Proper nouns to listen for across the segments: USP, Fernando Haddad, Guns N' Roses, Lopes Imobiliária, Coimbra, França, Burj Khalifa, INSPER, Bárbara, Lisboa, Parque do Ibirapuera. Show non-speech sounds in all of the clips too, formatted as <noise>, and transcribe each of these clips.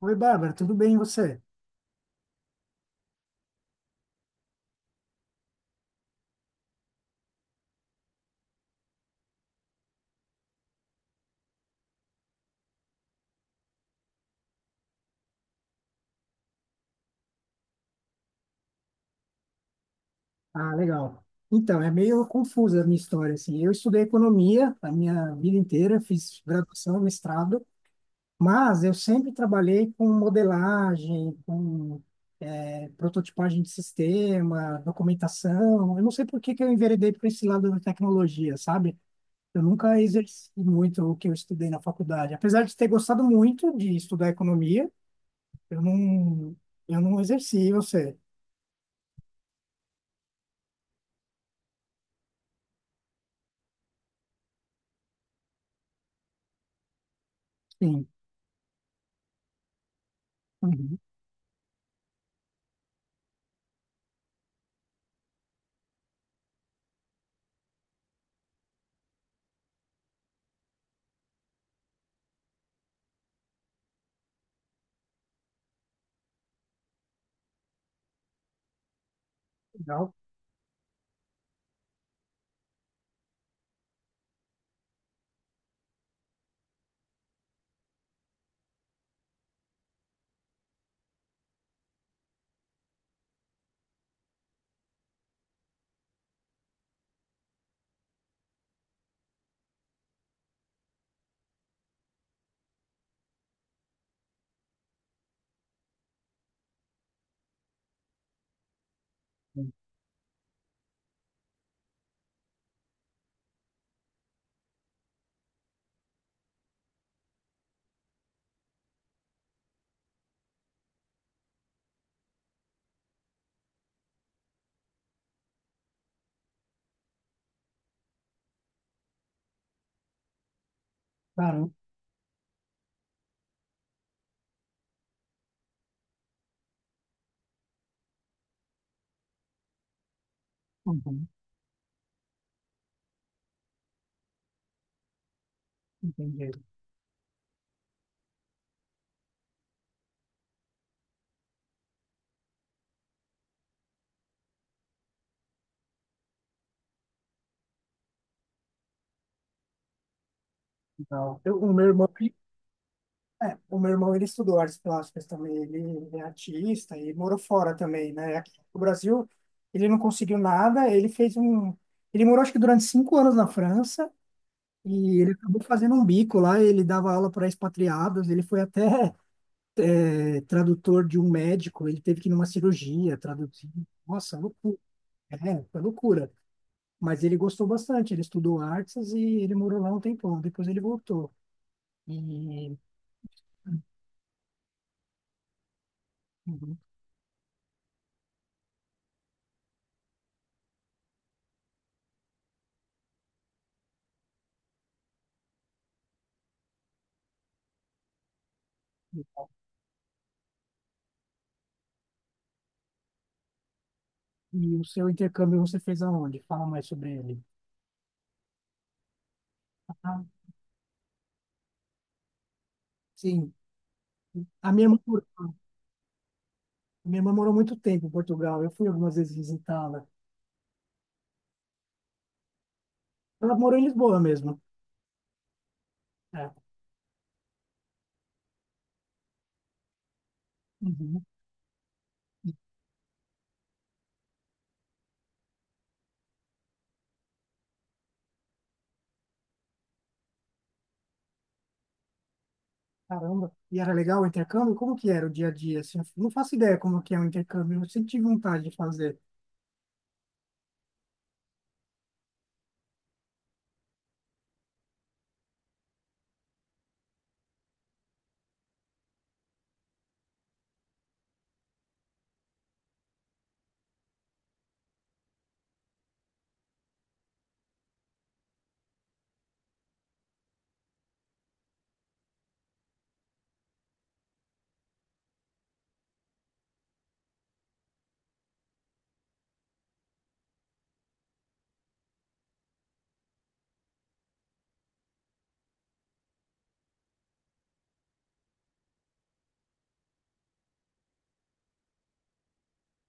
Oi, Bárbara, tudo bem e você? Ah, legal. Então, é meio confusa a minha história, assim. Eu estudei economia a minha vida inteira, fiz graduação, mestrado, mas eu sempre trabalhei com modelagem, com prototipagem de sistema, documentação. Eu não sei por que que eu enveredei para esse lado da tecnologia, sabe? Eu nunca exerci muito o que eu estudei na faculdade. Apesar de ter gostado muito de estudar economia, eu não, eu não exerci, eu sei. Sim. Uhum. Legal. Caramba, uhum, entendi. Legal. Eu, o meu irmão, ele- O meu irmão, ele estudou artes plásticas também, ele é artista e morou fora também, né? Aqui no Brasil, ele não conseguiu nada, ele fez um... Ele morou, acho que durante cinco anos na França e ele acabou fazendo um bico lá, ele dava aula para expatriados, ele foi até tradutor de um médico, ele teve que ir numa cirurgia traduzir. Nossa, loucura. É, foi loucura. Mas ele gostou bastante, ele estudou artes e ele morou lá um tempão, depois ele voltou. E, uhum. E o seu intercâmbio você fez aonde? Fala mais sobre ele. Ah, sim. A minha irmã, mor- a minha irmã morou muito tempo em Portugal. Eu fui algumas vezes visitá-la. Ela morou em Lisboa mesmo. É. Uhum. E, caramba. E era legal o intercâmbio? Como que era o dia a dia? Assim, eu não faço ideia como que é o intercâmbio. Eu sempre tive vontade de fazer.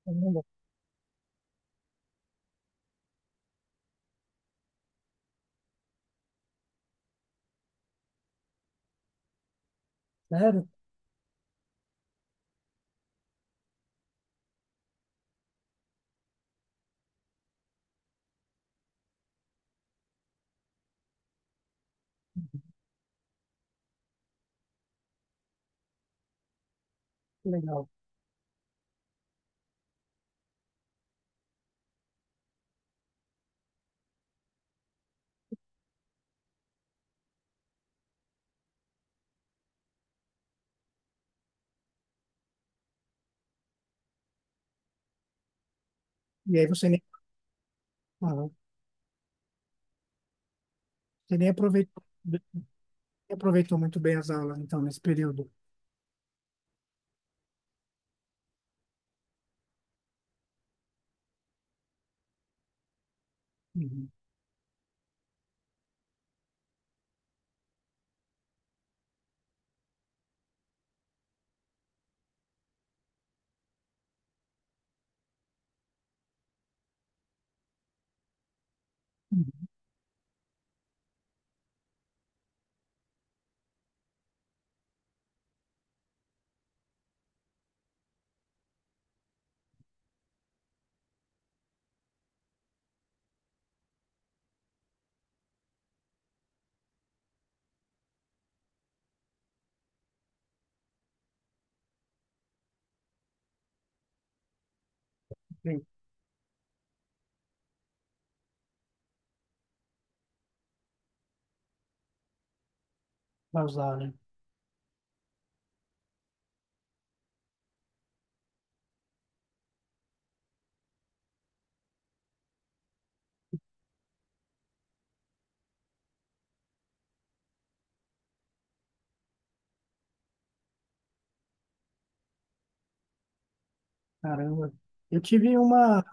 Caramba, sério? Que legal. E aí você nem, ah, Você nem aproveitou, nem aproveitou muito bem as aulas, então, nesse período. Uhum. Uhum. Bem, vai usar, né? Caramba. Eu tive uma,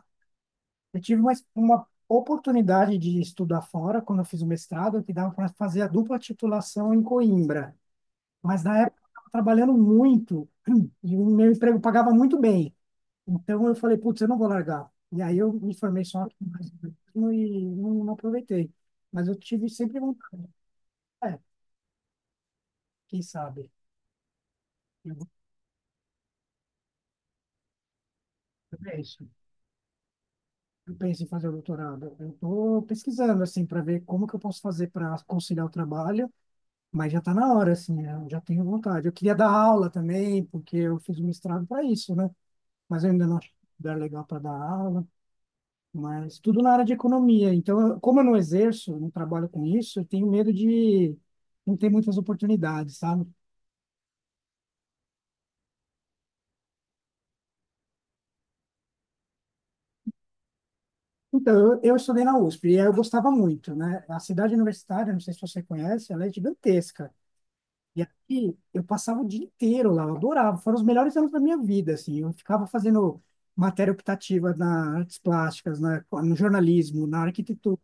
eu tive uma oportunidade de estudar fora quando eu fiz o mestrado, que dava para fazer a dupla titulação em Coimbra. Mas na época eu estava trabalhando muito <clears throat> e o meu emprego pagava muito bem. Então eu falei, putz, eu não vou largar. E aí eu me formei só aqui mesmo e não, não aproveitei. Mas eu tive sempre vontade. É, quem sabe? Eu, eu penso. Eu penso em fazer o doutorado. Eu estou pesquisando assim para ver como que eu posso fazer para conciliar o trabalho. Mas já está na hora, assim, né? Eu já tenho vontade. Eu queria dar aula também, porque eu fiz um mestrado para isso, né? Mas eu ainda não achei um lugar legal para dar aula, mas tudo na área de economia. Então, eu- como eu não exerço, não trabalho com isso, eu tenho medo de não ter muitas oportunidades, sabe? Então, eu estudei na USP e eu gostava muito, né? A cidade universitária, não sei se você conhece, ela é gigantesca. E aqui eu passava o dia inteiro lá, eu adorava, foram os melhores anos da minha vida, assim, eu ficava fazendo matéria optativa na artes plásticas, na, no jornalismo, na arquitetura.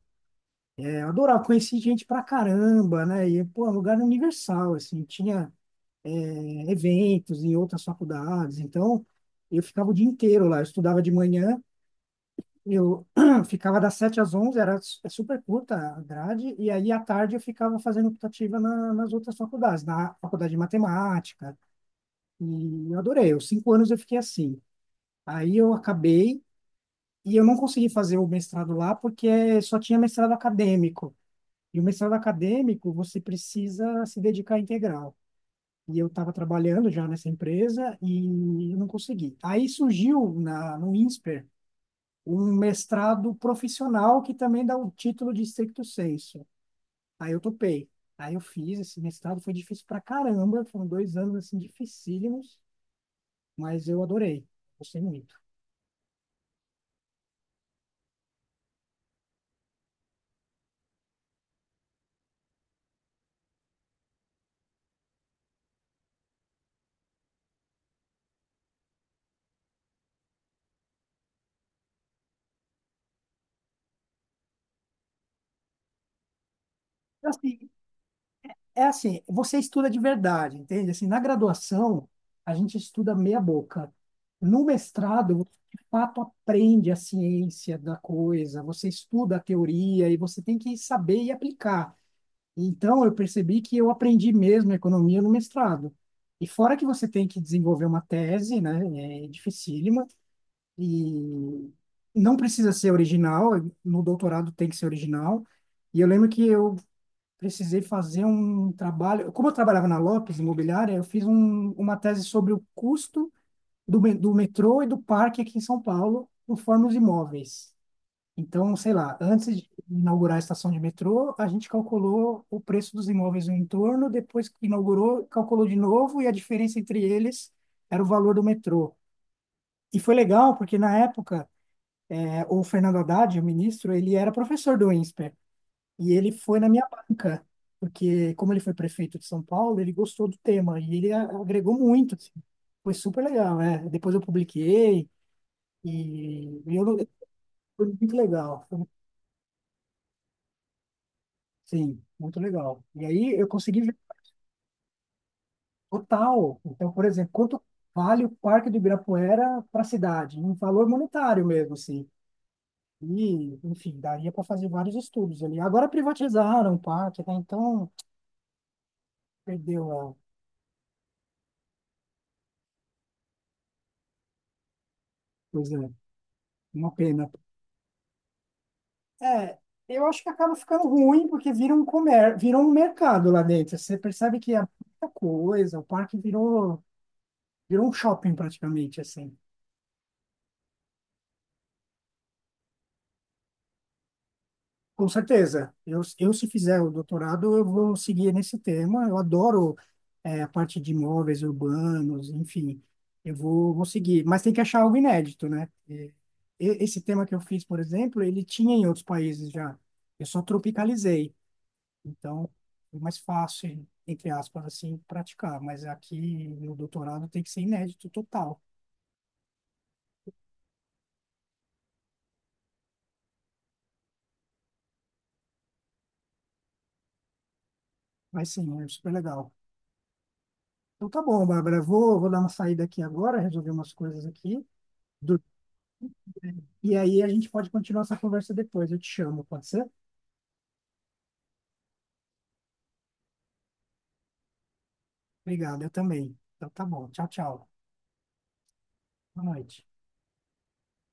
É, eu adorava, conheci gente pra caramba, né, e, pô, é um lugar universal, assim, tinha eventos em outras faculdades, então eu ficava o dia inteiro lá, eu estudava de manhã, eu <clears throat> ficava das 7 às 11, é super curta a grade, e aí à tarde eu ficava fazendo optativa na, nas outras faculdades, na faculdade de matemática. E eu adorei. Os cinco anos eu fiquei assim. Aí eu acabei e eu não consegui fazer o mestrado lá porque só tinha mestrado acadêmico. E o mestrado acadêmico você precisa se dedicar integral. E eu estava trabalhando já nessa empresa e eu não consegui. Aí surgiu na, no INSPER um mestrado profissional que também dá o título de stricto sensu. Aí eu topei. Aí eu fiz esse mestrado, foi difícil pra caramba, foram dois anos assim dificílimos, mas eu adorei, gostei muito. É Assim, é assim, você estuda de verdade, entende? Assim, na graduação, a gente estuda meia boca. No mestrado, você, de fato, aprende a ciência da coisa, você estuda a teoria e você tem que saber e aplicar. Então, eu percebi que eu aprendi mesmo economia no mestrado. E fora que você tem que desenvolver uma tese, né? É dificílima e não precisa ser original, no doutorado tem que ser original. E eu lembro que eu precisei fazer um trabalho. Como eu trabalhava na Lopes Imobiliária, uma tese sobre o custo do metrô e do parque aqui em São Paulo, conforme os imóveis. Então, sei lá, antes de inaugurar a estação de metrô, a gente calculou o preço dos imóveis no entorno, depois que inaugurou, calculou de novo e a diferença entre eles era o valor do metrô. E foi legal, porque na época, o Fernando Haddad, o ministro, ele era professor do Insper. E ele foi na minha banca, porque como ele foi prefeito de São Paulo, ele gostou do tema e agregou muito, assim. Foi super legal, né? Depois eu publiquei e eu, não- foi muito legal. Foi- Sim, muito legal. E aí eu consegui ver total. Então, por exemplo, quanto vale o Parque do Ibirapuera para a cidade? Um valor monetário mesmo, assim. E, enfim, daria para fazer vários estudos ali. Agora privatizaram o parque, né? Então, perdeu a coisa. Uma pena. É, eu acho que acaba ficando ruim porque virou um mercado lá dentro. Você percebe que é muita coisa, virou um shopping praticamente, assim. Com certeza. Se fizer o doutorado, eu vou seguir nesse tema. Eu adoro, a parte de imóveis urbanos, enfim. Vou seguir. Mas tem que achar algo inédito, né? Esse tema que eu fiz, por exemplo, ele tinha em outros países já. Eu só tropicalizei. Então, foi mais fácil, entre aspas, assim, praticar. Mas aqui no doutorado tem que ser inédito total. Mas sim, é super legal. Então tá bom, Bárbara. Vou dar uma saída aqui agora, resolver umas coisas aqui. Do- E aí a gente pode continuar essa conversa depois. Eu te chamo, pode ser? Obrigado, eu também. Então tá bom. Tchau, tchau. Boa noite.